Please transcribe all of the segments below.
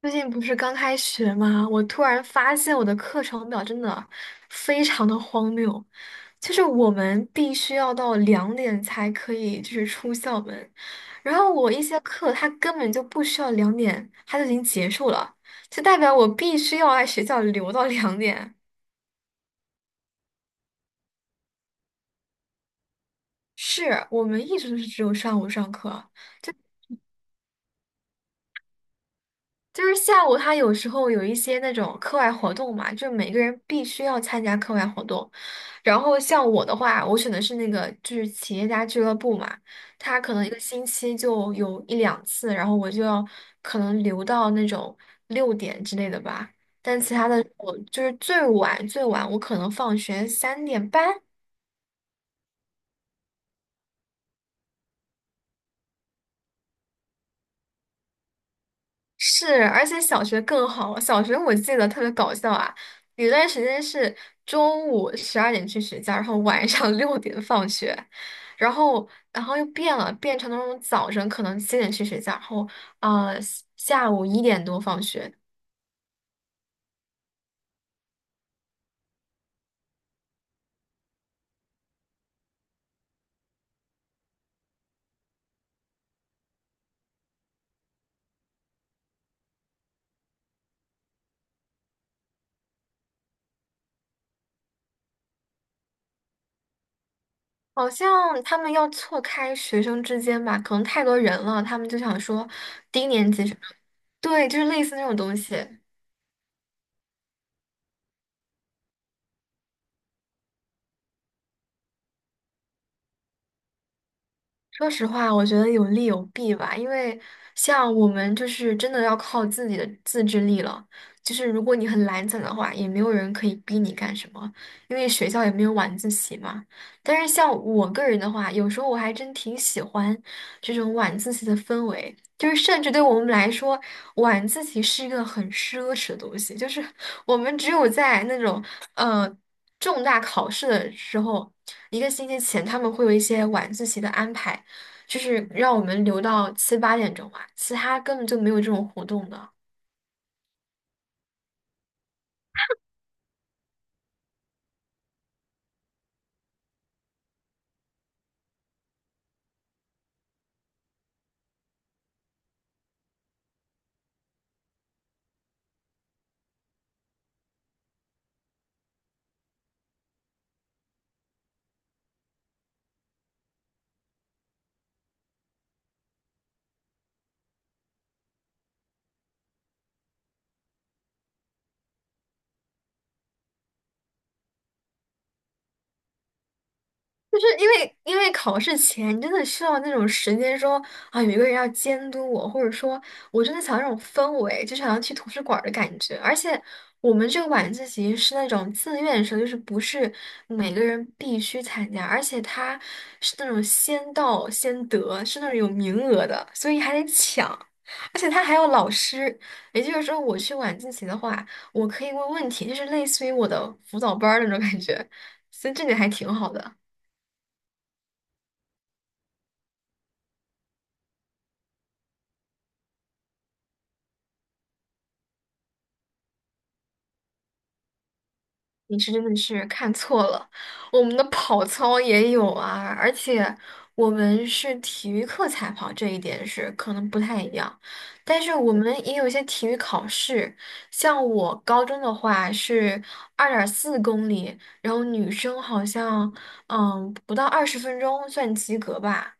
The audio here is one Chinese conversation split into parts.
最近不是刚开学吗？我突然发现我的课程表真的非常的荒谬，就是我们必须要到两点才可以就是出校门，然后我一些课它根本就不需要两点，它就已经结束了，就代表我必须要在学校留到两点。是我们一直都是只有上午上课，就是下午他有时候有一些那种课外活动嘛，就每个人必须要参加课外活动。然后像我的话，我选的是那个就是企业家俱乐部嘛，他可能一个星期就有一两次，然后我就要可能留到那种六点之类的吧。但其他的我就是最晚最晚我可能放学3点半，是，而且小学更好。小学我记得特别搞笑啊，有段时间是中午12点去学校，然后晚上 六点放学，然后然后又变了，变成那种早晨可能7点去学校，然后呃下午1点多放学。好像他们要错开学生之间吧，可能太多人了，他们就想说低年级学生，对，就是类似那种东西。说实话，我觉得有利有弊吧，因为像我们就是真的要靠自己的自制力了。就是如果你很懒散的话，也没有人可以逼你干什么，因为学校也没有晚自习嘛。但是像我个人的话，有时候我还真挺喜欢这种晚自习的氛围，就是甚至对我们来说，晚自习是一个很奢侈的东西，就是 我们只有在那种呃重大考试的时候。一个星期前他们会有一些晚自习的安排。就是让我们留到七八点钟吧，其他根本就没有这种活动的。就是因为考试前，你真的需要那种时间说啊，有一个人要监督我，或者说，我真的想要那种氛围，就想要去图书馆儿的感觉。而且我们这个晚自习是那种自愿生，就是不是每个人必须参加，而且它是那种先到先得，是那种有名额的，所以还得抢。而且他还有老师，也就是说，我去晚自习的话，我可以问问题，就是类似于我的辅导班儿那种感觉，所以这点还挺好的。你是真的是看错了，我们的跑操也有啊，而且我们是体育课才跑，这一点是可能不太一样。但是我们也有一些体育考试，像我高中的话是2.4公里，然后女生好像不到20分钟算及格吧。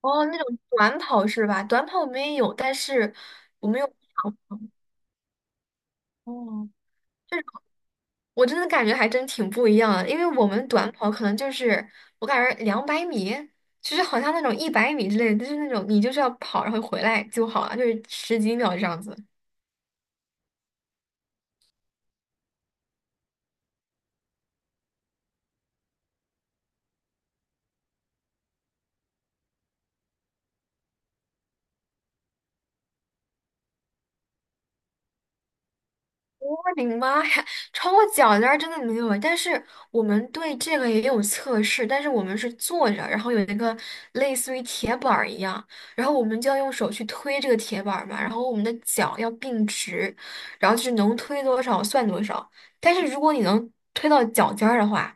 哦，那种短跑是吧？短跑我们也有，但是我们有。哦。我真的感觉还真挺不一样的，因为我们短跑可能就是我感觉200米，其实好像那种100米之类的，就是那种你就是要跑然后回来就好了，就是十几秒这样子。我的妈呀，超过脚尖儿真的没有，但是我们对这个也有测试，但是我们是坐着，然后有一个类似于铁板儿一样，然后我们就要用手去推这个铁板儿嘛，然后我们的脚要并直，然后就是能推多少算多少。但是如果你能推到脚尖儿的话，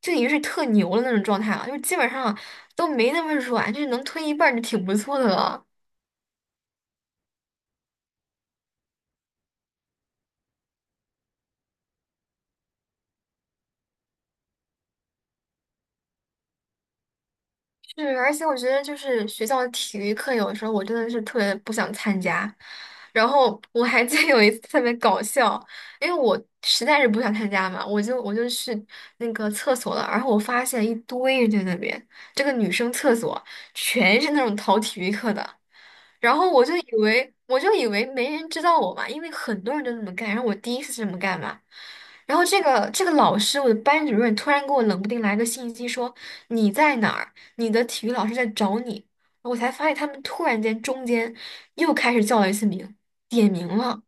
就已经是特牛的那种状态了，就是基本上都没那么软，就是能推一半儿就挺不错的了。是，而且我觉得就是学校的体育课，有的时候我真的是特别不想参加。然后我还记得 有一次特别搞笑，因为我实在是不想参加嘛，我就去那个厕所了，然后我发现一堆人在那边，这个女生厕所全是那种逃体育课的。然后我就以为没人知道我嘛，因为很多人都这么干，然后我第一次这么干嘛。然后这个老师，我的班主任突然给我冷不丁来个信息说你在哪儿，你的体育老师在找你。我才发现他们突然间中间又开始叫了一次名，点名了。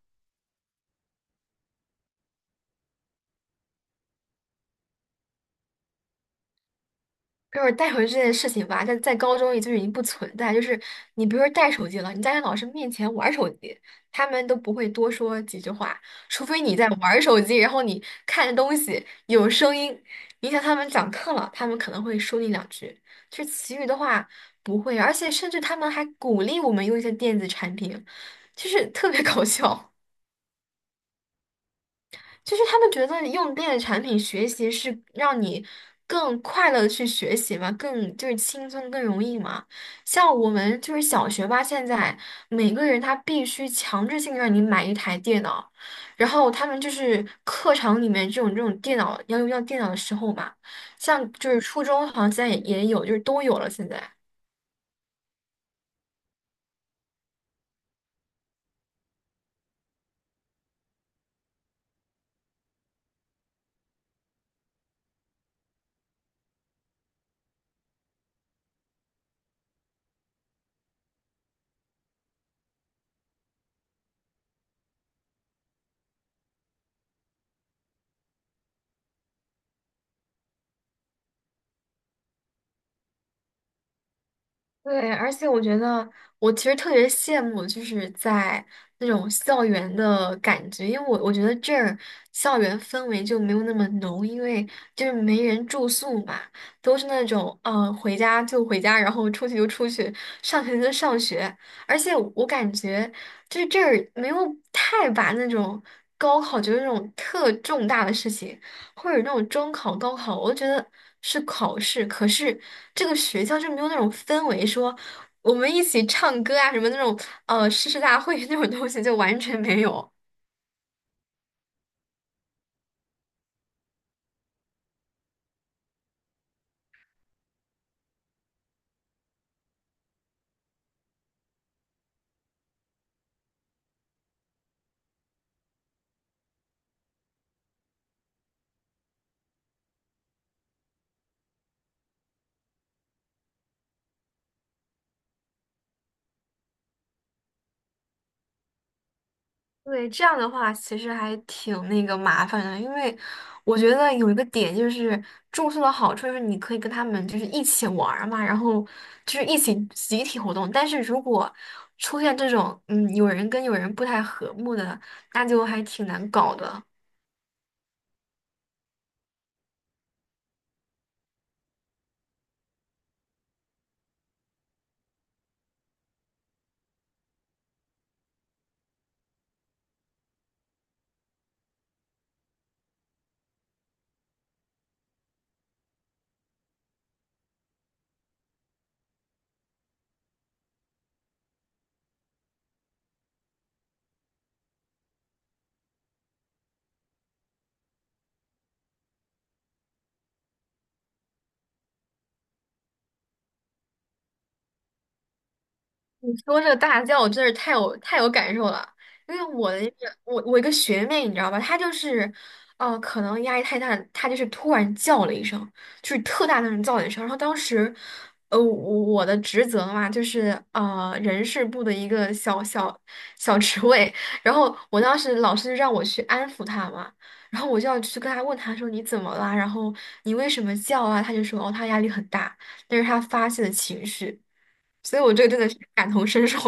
就是带回去这件事情吧，在高中也就已经不存在。就是你比如说带手机了，你在老师面前玩手机，他们都不会多说几句话，除非你在玩手机，然后你看东西有声音，影响他们讲课了，他们可能会说你两句。就其余的话不会，而且甚至他们还鼓励我们用一些电子产品，就是特别搞笑。就是他们觉得用电子产品学习是让你更快乐的去学习嘛，更就是轻松更容易嘛。像我们就是小学吧，现在每个人他必须强制性让你买一台电脑，然后他们就是课堂里面这种电脑要用到电脑的时候嘛，像就是初中好像现在也有，就是都有了现在。对，而且我觉得我其实特别羡慕，就是在那种校园的感觉，因为我觉得这儿校园氛围就没有那么浓，因为就是没人住宿嘛，都是那种回家就回家，然后出去就出去，上学就上学，而且我感觉就是这儿没有太把那种高考就是那种特重大的事情。或者那种中考、高考，我都觉得是考试。可是这个学校就没有那种氛围，说我们一起唱歌啊，什么那种诗大会 那种东西，就完全没有。对，这样的话其实还挺那个麻烦的，因为我觉得有一个点就是住宿的好处就是你可以跟他们就是一起玩儿嘛，然后就是一起集体活动。但是如果出现这种有人跟有人不太和睦的，那就还挺难搞的。你说这个大叫，我真是太有太有感受了，因为我的一个一个学妹，你知道吧，她就是，可能压力太大，她就是突然叫了一声，就是特大那种叫了一声，然后当时，呃，我我的职责嘛，就是人事部的一个小小职位，然后我当时老师让我去安抚她嘛，然后我就要去跟她问她说你怎么啦，然后你为什么叫啊？她就说哦，她压力很大，那是她发泄的情绪。所以我这个真的是感同身受。